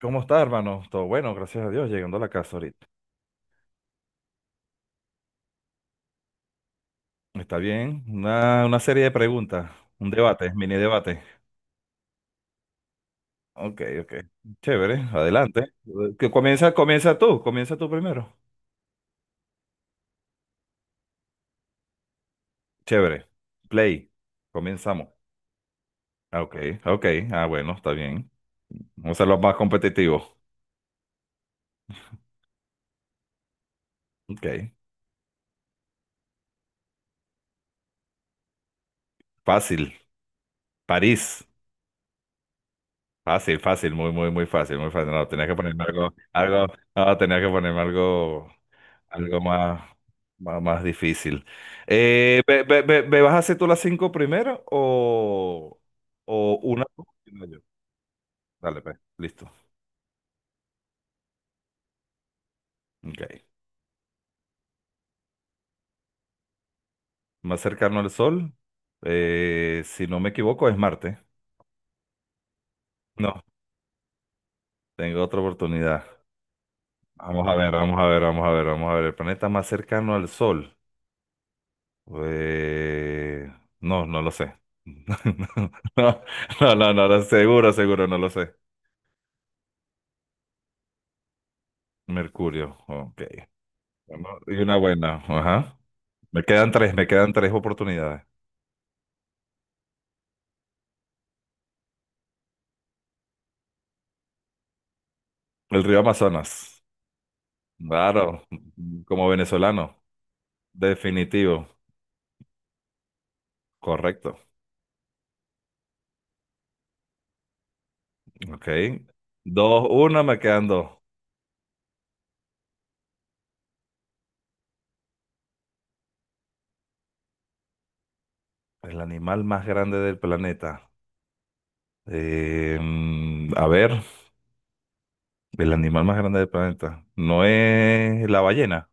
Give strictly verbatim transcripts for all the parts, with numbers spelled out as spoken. ¿Cómo está, hermano? Todo bueno, gracias a Dios, llegando a la casa ahorita. Está bien, una, una serie de preguntas, un debate, mini debate. Ok, ok. Chévere, adelante. Que comienza, comienza tú, comienza tú primero. Chévere. Play. Comenzamos. Ah, ok, ok. Ah, bueno, está bien. Vamos a los más competitivos. Ok. Fácil. París. Fácil, fácil, muy, muy, muy fácil, muy fácil. No, tenía que ponerme algo, algo, no, tenía que ponerme algo Algo más, más, más difícil. Eh, ve- ve- ve- ve- vas a hacer tú las cinco primero o, o una tú y una yo? Dale, pues, listo. Ok. Más cercano al Sol, eh, si no me equivoco, es Marte. No, tengo otra oportunidad. Vamos a ver, vamos a ver, vamos a ver, vamos a ver. El planeta más cercano al Sol. Eh, no, no lo sé. No, no, no, no, no, seguro, seguro, no lo sé. Mercurio, ok. Bueno, y una buena, ajá. Me quedan tres, me quedan tres oportunidades. El río Amazonas, claro, como venezolano, definitivo, correcto. Ok. Dos, uno, me quedan dos. El animal más grande del planeta. Eh, mm, a ver, el animal más grande del planeta. No es la ballena,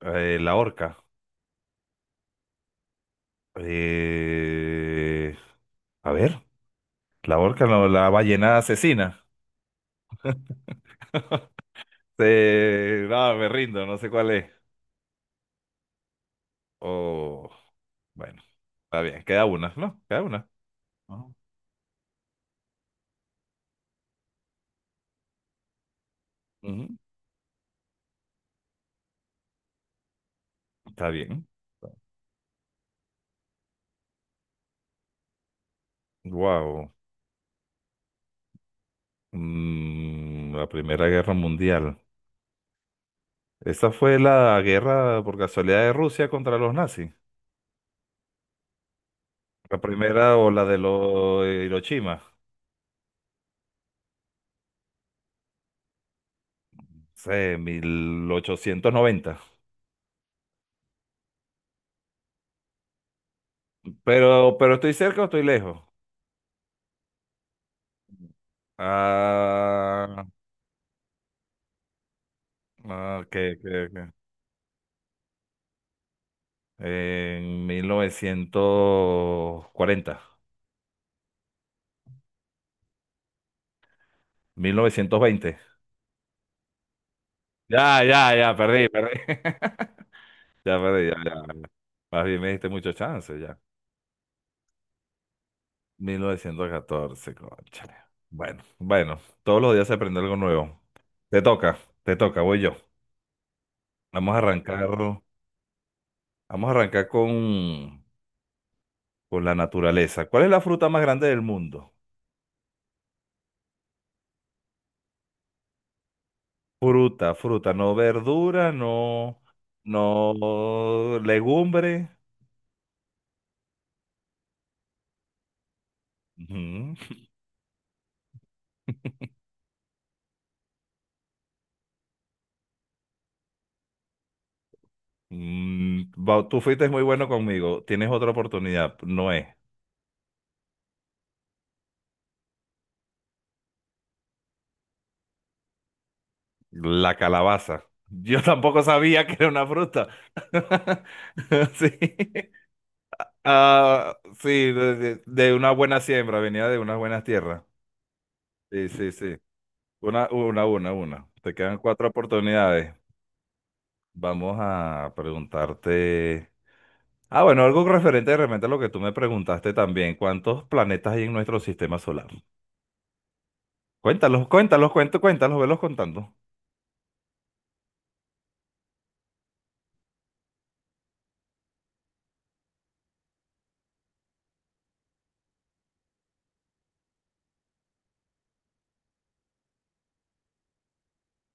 eh, la orca. Eh, a ver, la orca, no, la ballena asesina. Eh, no, me rindo, no sé cuál es. Oh, bueno, está bien. Queda una, ¿no? Queda una. Ajá. Ujú. Está bien. Wow. La Primera Guerra Mundial. Esa fue la guerra por casualidad de Rusia contra los nazis. La primera o la de los Hiroshima. Sé, mil ochocientos noventa. Pero, pero estoy cerca o estoy lejos. Ah, ah, que, que, que. En mil mil novecientos cuarenta, mil novecientos veinte. Ya, ya, ya, perdí, perdí. Ya perdí, ya, ya. Más bien me diste mucho chance, ya. Mil novecientos catorce, cónchale. Bueno, bueno, todos los días se aprende algo nuevo. Te toca, te toca, voy yo. Vamos a arrancar, vamos a arrancar con, con la naturaleza. ¿Cuál es la fruta más grande del mundo? Fruta, fruta, no verdura, no, no legumbre. Ujú. Mm, va- tú fuiste muy bueno conmigo. Tienes otra oportunidad, no es. La calabaza. Yo tampoco sabía que era una fruta. Sí. Ah, sí, de, de- de una buena siembra, venía de unas buenas tierras. Sí, sí, sí. Una, una, una, una. Te quedan cuatro oportunidades. Vamos a preguntarte. Ah, bueno, algo referente de repente a lo que tú me preguntaste también. ¿Cuántos planetas hay en nuestro sistema solar? Cuéntalos, cuéntalos, cuéntalos, cuéntalos, velos contando.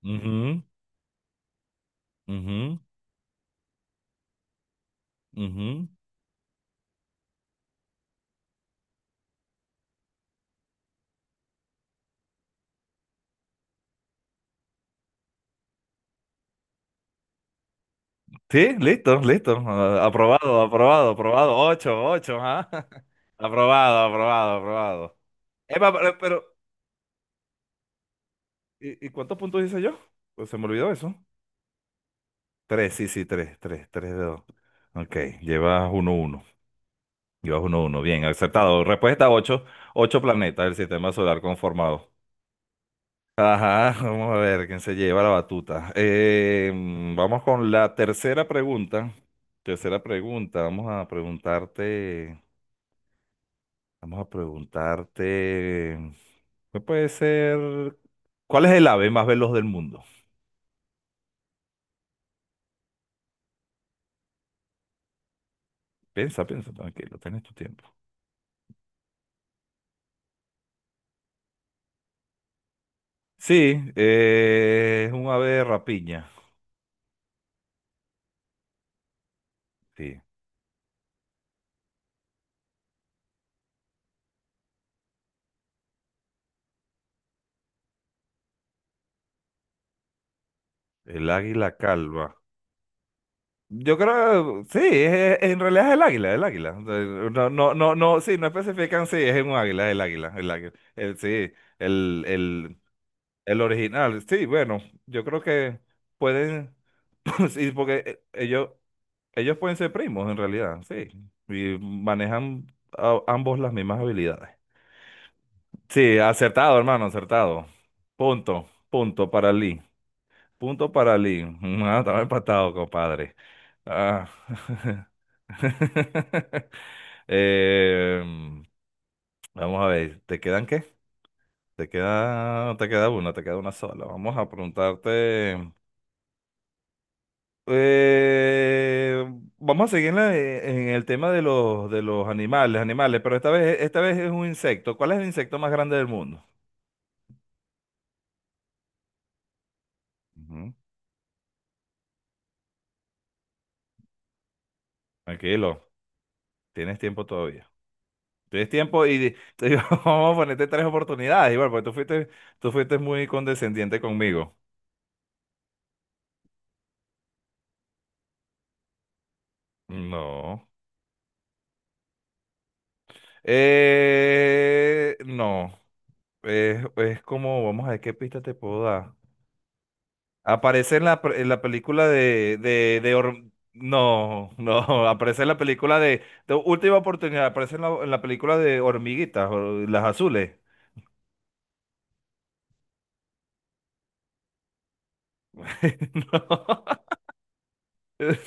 Ujú, ujú, ujú. Sí, listo, listo. Ah, aprobado, aprobado, aprobado. Ocho, ocho, ¿ah? Aprobado, aprobado, aprobado. Eva, pero, pero, ¿y, y cuántos puntos hice yo? Pues se me olvidó eso. Tres, sí, sí, tres, tres, tres de dos. Ok, llevas uno, uno. Llevas uno, uno. Bien, acertado. Respuesta ocho. Ocho planetas del sistema solar conformado. Ajá, vamos a ver quién se lleva la batuta. Eh, mm, vamos con la tercera pregunta. Tercera pregunta, vamos a preguntarte. Vamos a preguntarte, ¿qué puede ser? ¿Cuál es el ave más veloz del mundo? Piensa, piensa, tranquilo, tienes tu tiempo. Sí, eh, es un ave de rapiña. Sí, el águila calva. Yo creo, sí, es- es- en realidad es el águila, el águila. Eh, No, no, no, no, sí, no especifican, sí, es un águila, el águila, el águila. El- sí, el, el, El original, sí, bueno, yo creo que pueden, sí, porque eh, ellos, ellos pueden ser primos en realidad, sí, y manejan a- ambos las mismas habilidades. Sí, acertado, hermano, acertado. Punto, punto para Lee, punto para Lee. Mm, Ah, estaba empatado, compadre. Ah. Em, Vamos a ver, ¿te quedan qué? Te queda, te queda una, te queda una sola. Vamos a preguntarte. Eh, Vamos a seguir en, la- en el tema de los, de los animales, animales, pero esta vez, esta vez es un insecto. ¿Cuál es el insecto más grande del mundo? Ujú. Tranquilo, tienes tiempo todavía. Tienes tiempo y di- te digo, vamos a ponerte tres oportunidades, igual, porque tú fuiste, tú fuiste muy condescendiente conmigo. No. Eh, no. Es, es como, vamos a ver qué pista te puedo dar. Aparece en la, pre- en la película de, de, de Or- No, no, aparece en la película de, de Última Oportunidad, aparece en la, en la película de Hormiguitas, o las azules. No,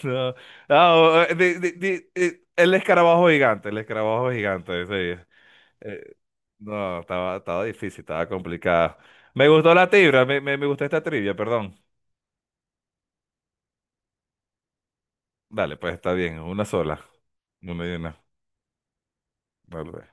no. Ah, o- eh, di- di- di- eh, el escarabajo gigante, el escarabajo gigante, sí. Eh, no, estaba, estaba difícil, estaba complicada. Me gustó la tibra, me, me, me gustó esta trivia, perdón. Dale, pues está bien, una sola. Una y una. Vale.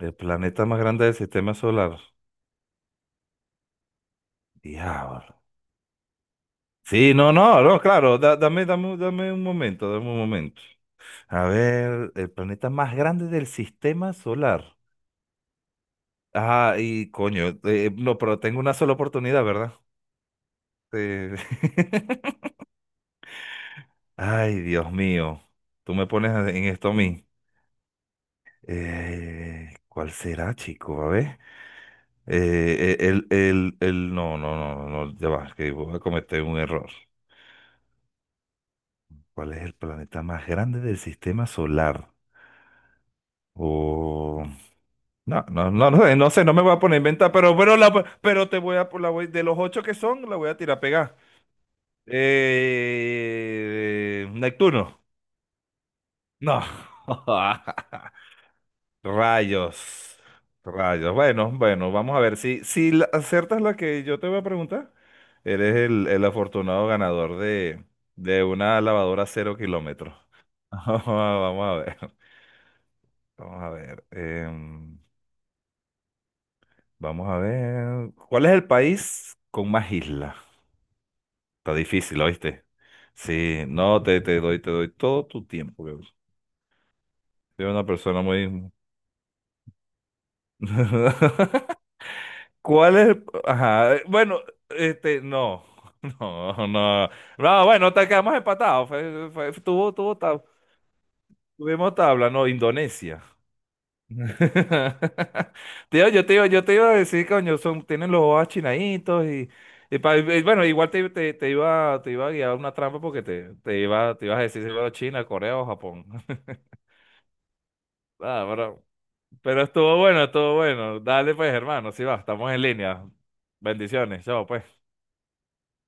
El planeta más grande del sistema solar. Diablo. Sí, no, no, no, claro, da- dame, dame, dame un momento, dame un momento. A ver, el planeta más grande del sistema solar. Ah, y coño, eh, no, pero tengo una sola oportunidad, ¿verdad? Eh, Ay, Dios mío, tú me pones en esto a mí. Eh, ¿cuál será, chico? A ver. Eh, e, el, el, el, no, no, no, no, no, ya va, que voy a cometer un error. ¿Cuál es el planeta más grande del sistema solar? O no, no, no, no, sé, no sé, no me voy a poner a inventar, pero, pero, la, pero te voy a, la voy- de los ocho que son, la voy a tirar a pegar. Eh, Neptuno. No. Rayos. Rayos. Bueno, bueno, vamos a ver. Si, si la- aciertas la que yo te voy a preguntar, eres el, el afortunado ganador de, de una lavadora cero kilómetros. Vamos a ver. Vamos a ver. Em, vamos a ver. ¿Cuál es el país con más islas? Está difícil, ¿oíste? Sí, no, te, te doy, te doy todo tu tiempo, que Soy una persona muy. ¿Cuál es? el- Ajá, eh, bueno, este, no, no, no. No, bueno, te quedamos empatados. Fue, fue- tuvo, tuvo tab- tuvimos tabla, no, Indonesia. Tío, yo te iba, yo te iba a decir, coño, son, tienen los ojos achinaditos y, y pa- y bueno, igual te, te, te iba, te iba a guiar una trampa porque te, te iba, te ibas a decir si fuera China, Corea o Japón. Ah, pero, pero estuvo bueno, estuvo bueno. Dale pues, hermano, si va, estamos en línea. Bendiciones, chao pues.